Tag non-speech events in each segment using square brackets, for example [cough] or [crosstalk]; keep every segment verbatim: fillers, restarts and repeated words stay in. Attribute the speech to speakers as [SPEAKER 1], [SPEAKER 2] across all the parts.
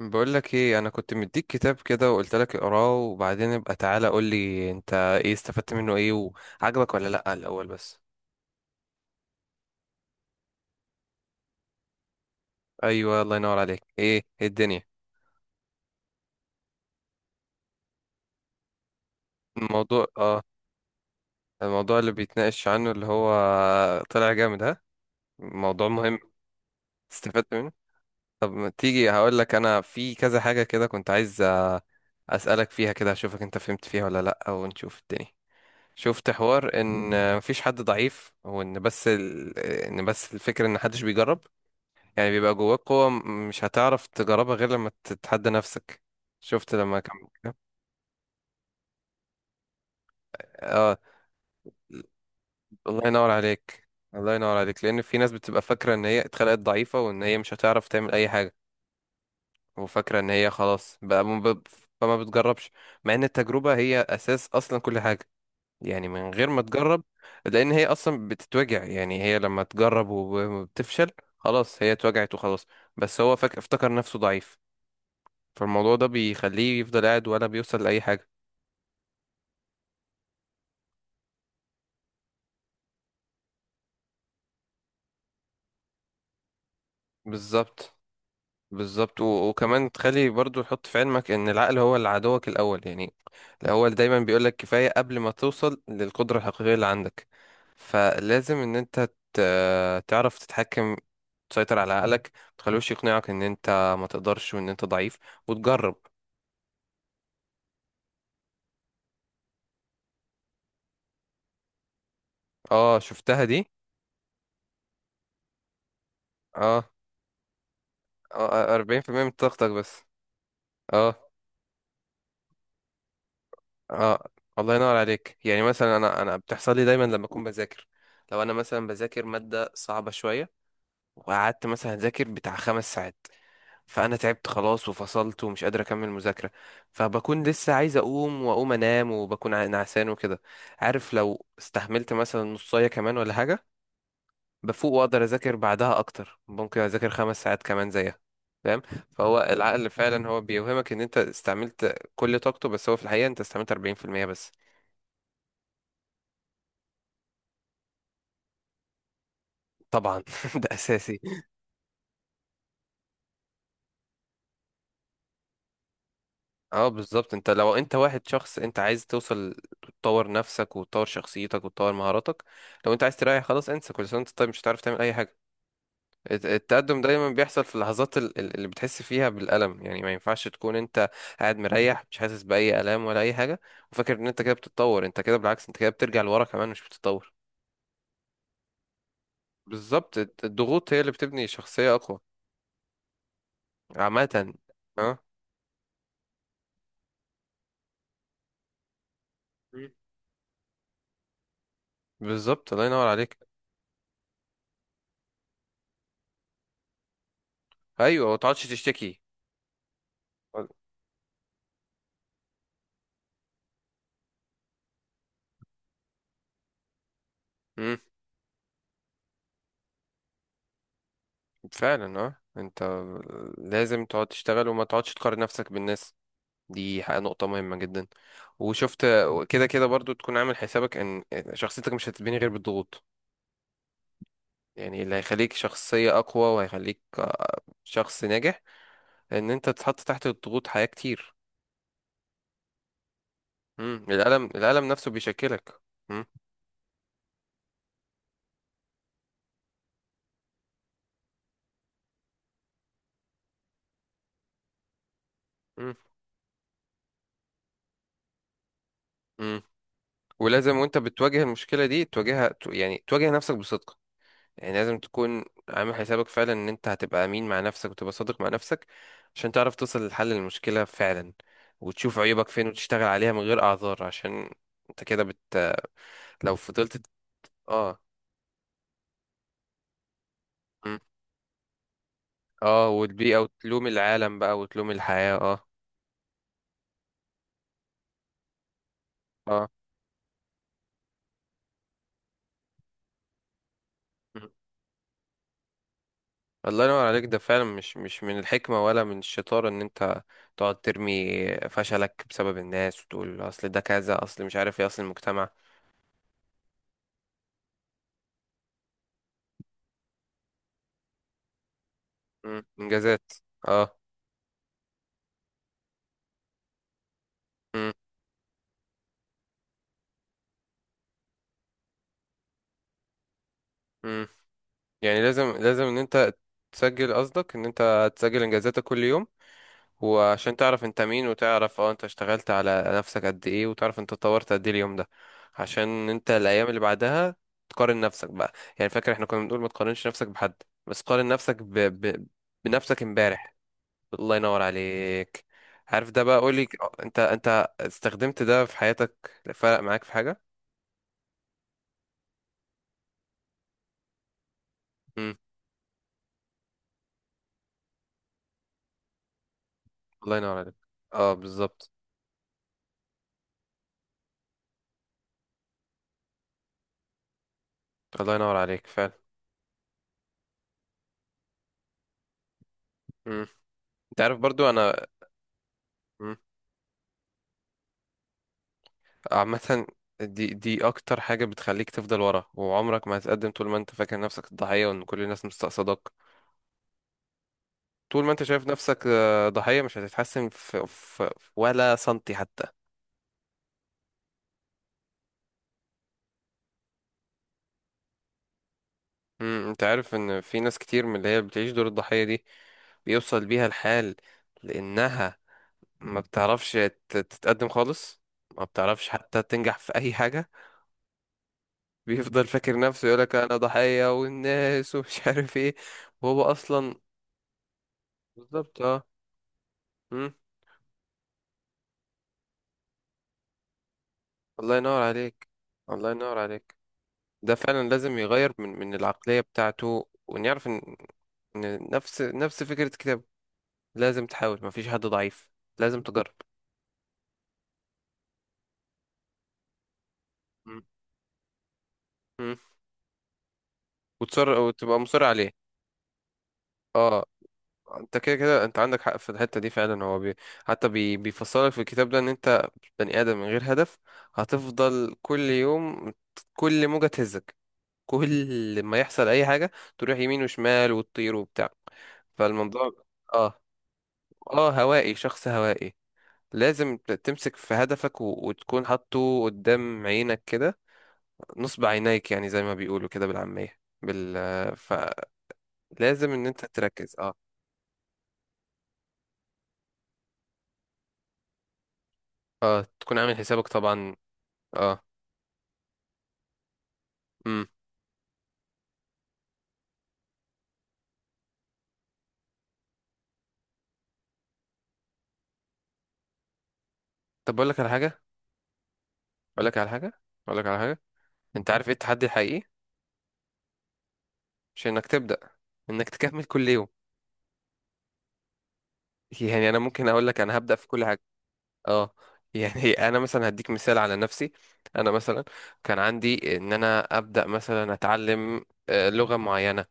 [SPEAKER 1] بقول لك ايه، انا كنت مديك كتاب كده وقلت لك اقراه وبعدين ابقى تعالى قول لي انت ايه استفدت منه ايه، وعجبك ولا لا الاول بس. ايوه الله ينور عليك. ايه إيه الدنيا. الموضوع اه الموضوع اللي بيتناقش عنه اللي هو طلع جامد ها، موضوع مهم. استفدت منه. طب ما تيجي هقول لك انا في كذا حاجة كده كنت عايز، آه، اسالك فيها كده اشوفك انت فهمت فيها ولا لا ونشوف الدنيا. شفت حوار ان مفيش حد ضعيف وان بس ال... ان بس الفكرة ان محدش بيجرب. يعني بيبقى جواك قوة م- مش هتعرف تجربها غير لما تتحدى نفسك. شفت لما كان. اه، الله ينور عليك. الله ينور عليك لأن في ناس بتبقى فاكرة إن هي اتخلقت ضعيفة وإن هي مش هتعرف تعمل أي حاجة. وفاكرة إن هي خلاص بقى م- ب- فما بتجربش، مع إن التجربة هي أساس أصلا كل حاجة. يعني من غير ما تجرب، لأن هي أصلا بتتوجع. يعني هي لما تجرب وبتفشل خلاص هي اتوجعت وخلاص، بس هو فاكر افتكر نفسه ضعيف، فالموضوع ده بيخليه يفضل قاعد ولا بيوصل لأي حاجة. بالظبط. بالظبط، و- وكمان تخلي برضو حط في علمك ان العقل هو اللي عدوك الاول. يعني الاول دايما بيقولك كفاية قبل ما توصل للقدرة الحقيقية اللي عندك، فلازم ان انت ت- تعرف تتحكم، تسيطر على عقلك متخلوش يقنعك ان انت ما تقدرش وان انت ضعيف، وتجرب. اه شفتها دي. اه، آه، اربعين في المية من طاقتك بس. اه. اه الله ينور عليك. يعني مثلا انا انا بتحصل لي دايما لما اكون بذاكر، لو انا مثلا بذاكر مادة صعبة شوية وقعدت مثلا أذاكر بتاع خمس ساعات، فأنا تعبت خلاص وفصلت ومش قادر أكمل مذاكرة، فبكون لسه عايز أقوم وأقوم أنام وبكون ع- نعسان وكده. عارف لو استحملت مثلا نصاية كمان ولا حاجة بفوق وأقدر أذاكر بعدها أكتر، ممكن أذاكر خمس ساعات كمان زيها. فاهم؟ فهو العقل فعلا هو بيوهمك إن أنت استعملت كل طاقته، بس هو في الحقيقة أنت استعملت اربعين في المية بس. طبعا [laughs] ده أساسي. اه بالظبط، انت لو انت واحد شخص انت عايز توصل، تطور نفسك وتطور شخصيتك وتطور مهاراتك. لو انت عايز تريح خلاص انسى، كل سنه وانت طيب مش هتعرف تعمل اي حاجه. الت- التقدم دايما بيحصل في اللحظات ال- ال- اللي بتحس فيها بالالم، يعني ما ينفعش تكون انت قاعد مريح مش حاسس باي الام ولا اي حاجه وفاكر ان انت كده بتتطور، انت كده بالعكس انت كده بترجع لورا كمان مش بتتطور. بالظبط، الت- الضغوط هي اللي بتبني شخصيه اقوى. عامه. اه. بالظبط الله ينور عليك. ايوه ما تقعدش تشتكي. مم. فعلا اه، انت لازم تقعد تشتغل وما تقعدش تقارن نفسك بالناس، دي حق- نقطة مهمة جدا. وشفت كده كده برضو تكون عامل حسابك ان شخصيتك مش هتتبني غير بالضغوط، يعني اللي هيخليك شخصية اقوى وهيخليك، آه، شخص ناجح، ان انت تتحط تحت الضغوط حياة كتير. مم. الألم، الألم نفسه بيشكلك. مم. مم. مم. ولازم وانت بتواجه المشكلة دي تواجهها ت- يعني تواجه نفسك بصدق، يعني لازم تكون عامل حسابك فعلا ان انت هتبقى امين مع نفسك وتبقى صادق مع نفسك عشان تعرف توصل لحل المشكلة فعلا، وتشوف عيوبك فين وتشتغل عليها من غير اعذار. عشان انت كده بت، لو فضلت. اه. مم. اه، والبيئة وتلوم العالم بقى وتلوم الحياة اه. اه. مم. الله ينور عليك. ده فعلا مش، مش من الحكمة ولا من الشطارة ان انت تقعد ترمي فشلك بسبب الناس وتقول اصل ده كذا، اصل مش عارف ايه، اصل المجتمع. مم. انجازات. اه. مم. مم. يعني لازم، لازم ان انت تسجل، قصدك ان انت تسجل انجازاتك كل يوم، وعشان تعرف انت مين وتعرف اه انت اشتغلت على نفسك قد ايه وتعرف انت اتطورت قد ايه اليوم ده. عشان انت الايام اللي بعدها تقارن نفسك بقى، يعني فاكر احنا كنا بنقول ما تقارنش نفسك بحد، بس قارن نفسك ب... ب... بنفسك امبارح. الله ينور عليك. عارف ده بقى قولي، اه، انت انت استخدمت ده في حياتك فرق معاك في حاجة؟ امم. الله ينور عليك. اه بالظبط. الله ينور عليك فعلا. امم. انت عارف برضو انا. مم. عامة، دي دي أكتر حاجة بتخليك تفضل ورا وعمرك ما هتقدم، طول ما أنت فاكر نفسك الضحية وإن كل الناس مستقصدك. طول ما أنت شايف نفسك، آه، ضحية مش هتتحسن في, في، في ولا سنتي حتى. مم. أنت عارف إن في ناس كتير من اللي هي بتعيش دور الضحية دي بيوصل بيها الحال، لأنها ما بتعرفش تت- تتقدم خالص، ما بتعرفش حتى تنجح في أي حاجة. بيفضل فاكر نفسه يقولك أنا ضحية والناس ومش عارف إيه، وهو أصلا. بالظبط اه. الله ينور عليك. الله ينور عليك. ده فعلا لازم يغير من، من العقلية بتاعته، وإن يعرف إن، إن نفس نفس فكرة كتابه، لازم تحاول، مفيش حد ضعيف، لازم تجرب. مم. مم. وتصر وتبقى مصر عليه. اه، انت كده كده انت عندك حق في الحته دي فعلا، هو بي... حتى بي... بيفصلك في الكتاب ده ان انت بني ادم من غير هدف هتفضل كل يوم، كل موجه تهزك، كل ما يحصل اي حاجه تروح يمين وشمال وتطير وبتاع. فالموضوع اه. اه هوائي، شخص هوائي. لازم ت- تمسك في هدفك و... وتكون حاطه قدام عينك كده، نصب عينيك، يعني زي ما بيقولوا كده بالعامية بال، فلازم ان انت تركز اه. اه تكون عامل حسابك طبعا. اه. امم. طب اقول لك على حاجة، اقول لك على حاجة، اقول لك على حاجة، انت عارف ايه التحدي الحقيقي؟ مش انك تبدأ، انك تكمل كل يوم. [laughs] يعني انا ممكن اقول لك انا هبدأ في كل حاجة. اه. يعني [laughs] انا مثلا هديك مثال على نفسي. انا مثلا كان عندي ان انا ابدا مثلا اتعلم، آه، لغه معينه،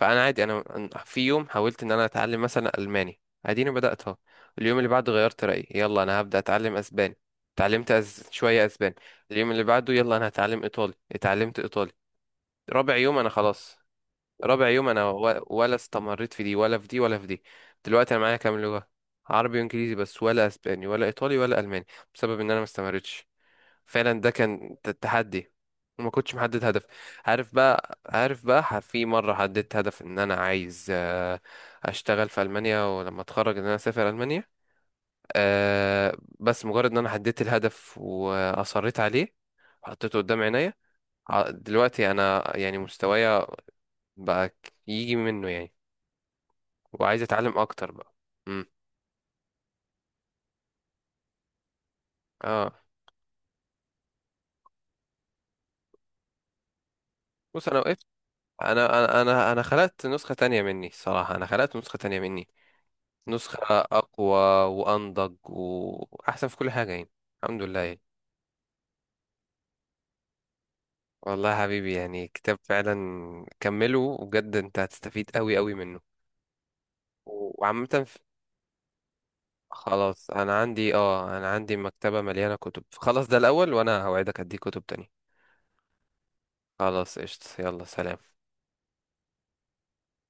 [SPEAKER 1] فانا عادي انا أنا في يوم حاولت ان انا اتعلم مثلا الماني، اديني بداتها، اليوم اللي بعده غيرت رايي يلا انا هبدا اتعلم اسباني، اتعلمت أز... شويه اسباني، اليوم اللي بعده يلا انا هتعلم ايطالي، اتعلمت ايطالي، رابع يوم انا خلاص، رابع يوم انا و- ولا استمريت في دي ولا في دي ولا في دي. دلوقتي انا معايا كام لغة؟ عربي وانجليزي بس، ولا اسباني ولا ايطالي ولا الماني، بسبب ان انا ما استمرتش. فعلا ده كان ت- تحدي، وما كنتش محدد هدف. عارف بقى، عارف بقى ح- في مرة حددت هدف ان انا عايز، آه، اشتغل في المانيا، ولما اتخرج ان انا اسافر المانيا، آه، بس مجرد ان انا حددت الهدف واصريت عليه وحطيته قدام عينيا، ع- دلوقتي انا يعني مستوايا بقى يجي منه يعني، وعايز اتعلم اكتر بقى. امم. اه بص انا وقفت، انا انا انا أنا خلقت نسخة تانية مني. صراحة انا خلقت نسخة تانية مني، نسخة اقوى وانضج واحسن في كل حاجة يعني، الحمد لله يعني. والله يا حبيبي، يعني كتاب فعلا كمله بجد انت هتستفيد قوي قوي منه. و- وعامة ف- خلاص انا عندي اه، انا عندي مكتبة مليانة كتب، خلاص ده الاول وانا هوعدك اديك كتب تانية. خلاص قشطة، يلا سلام.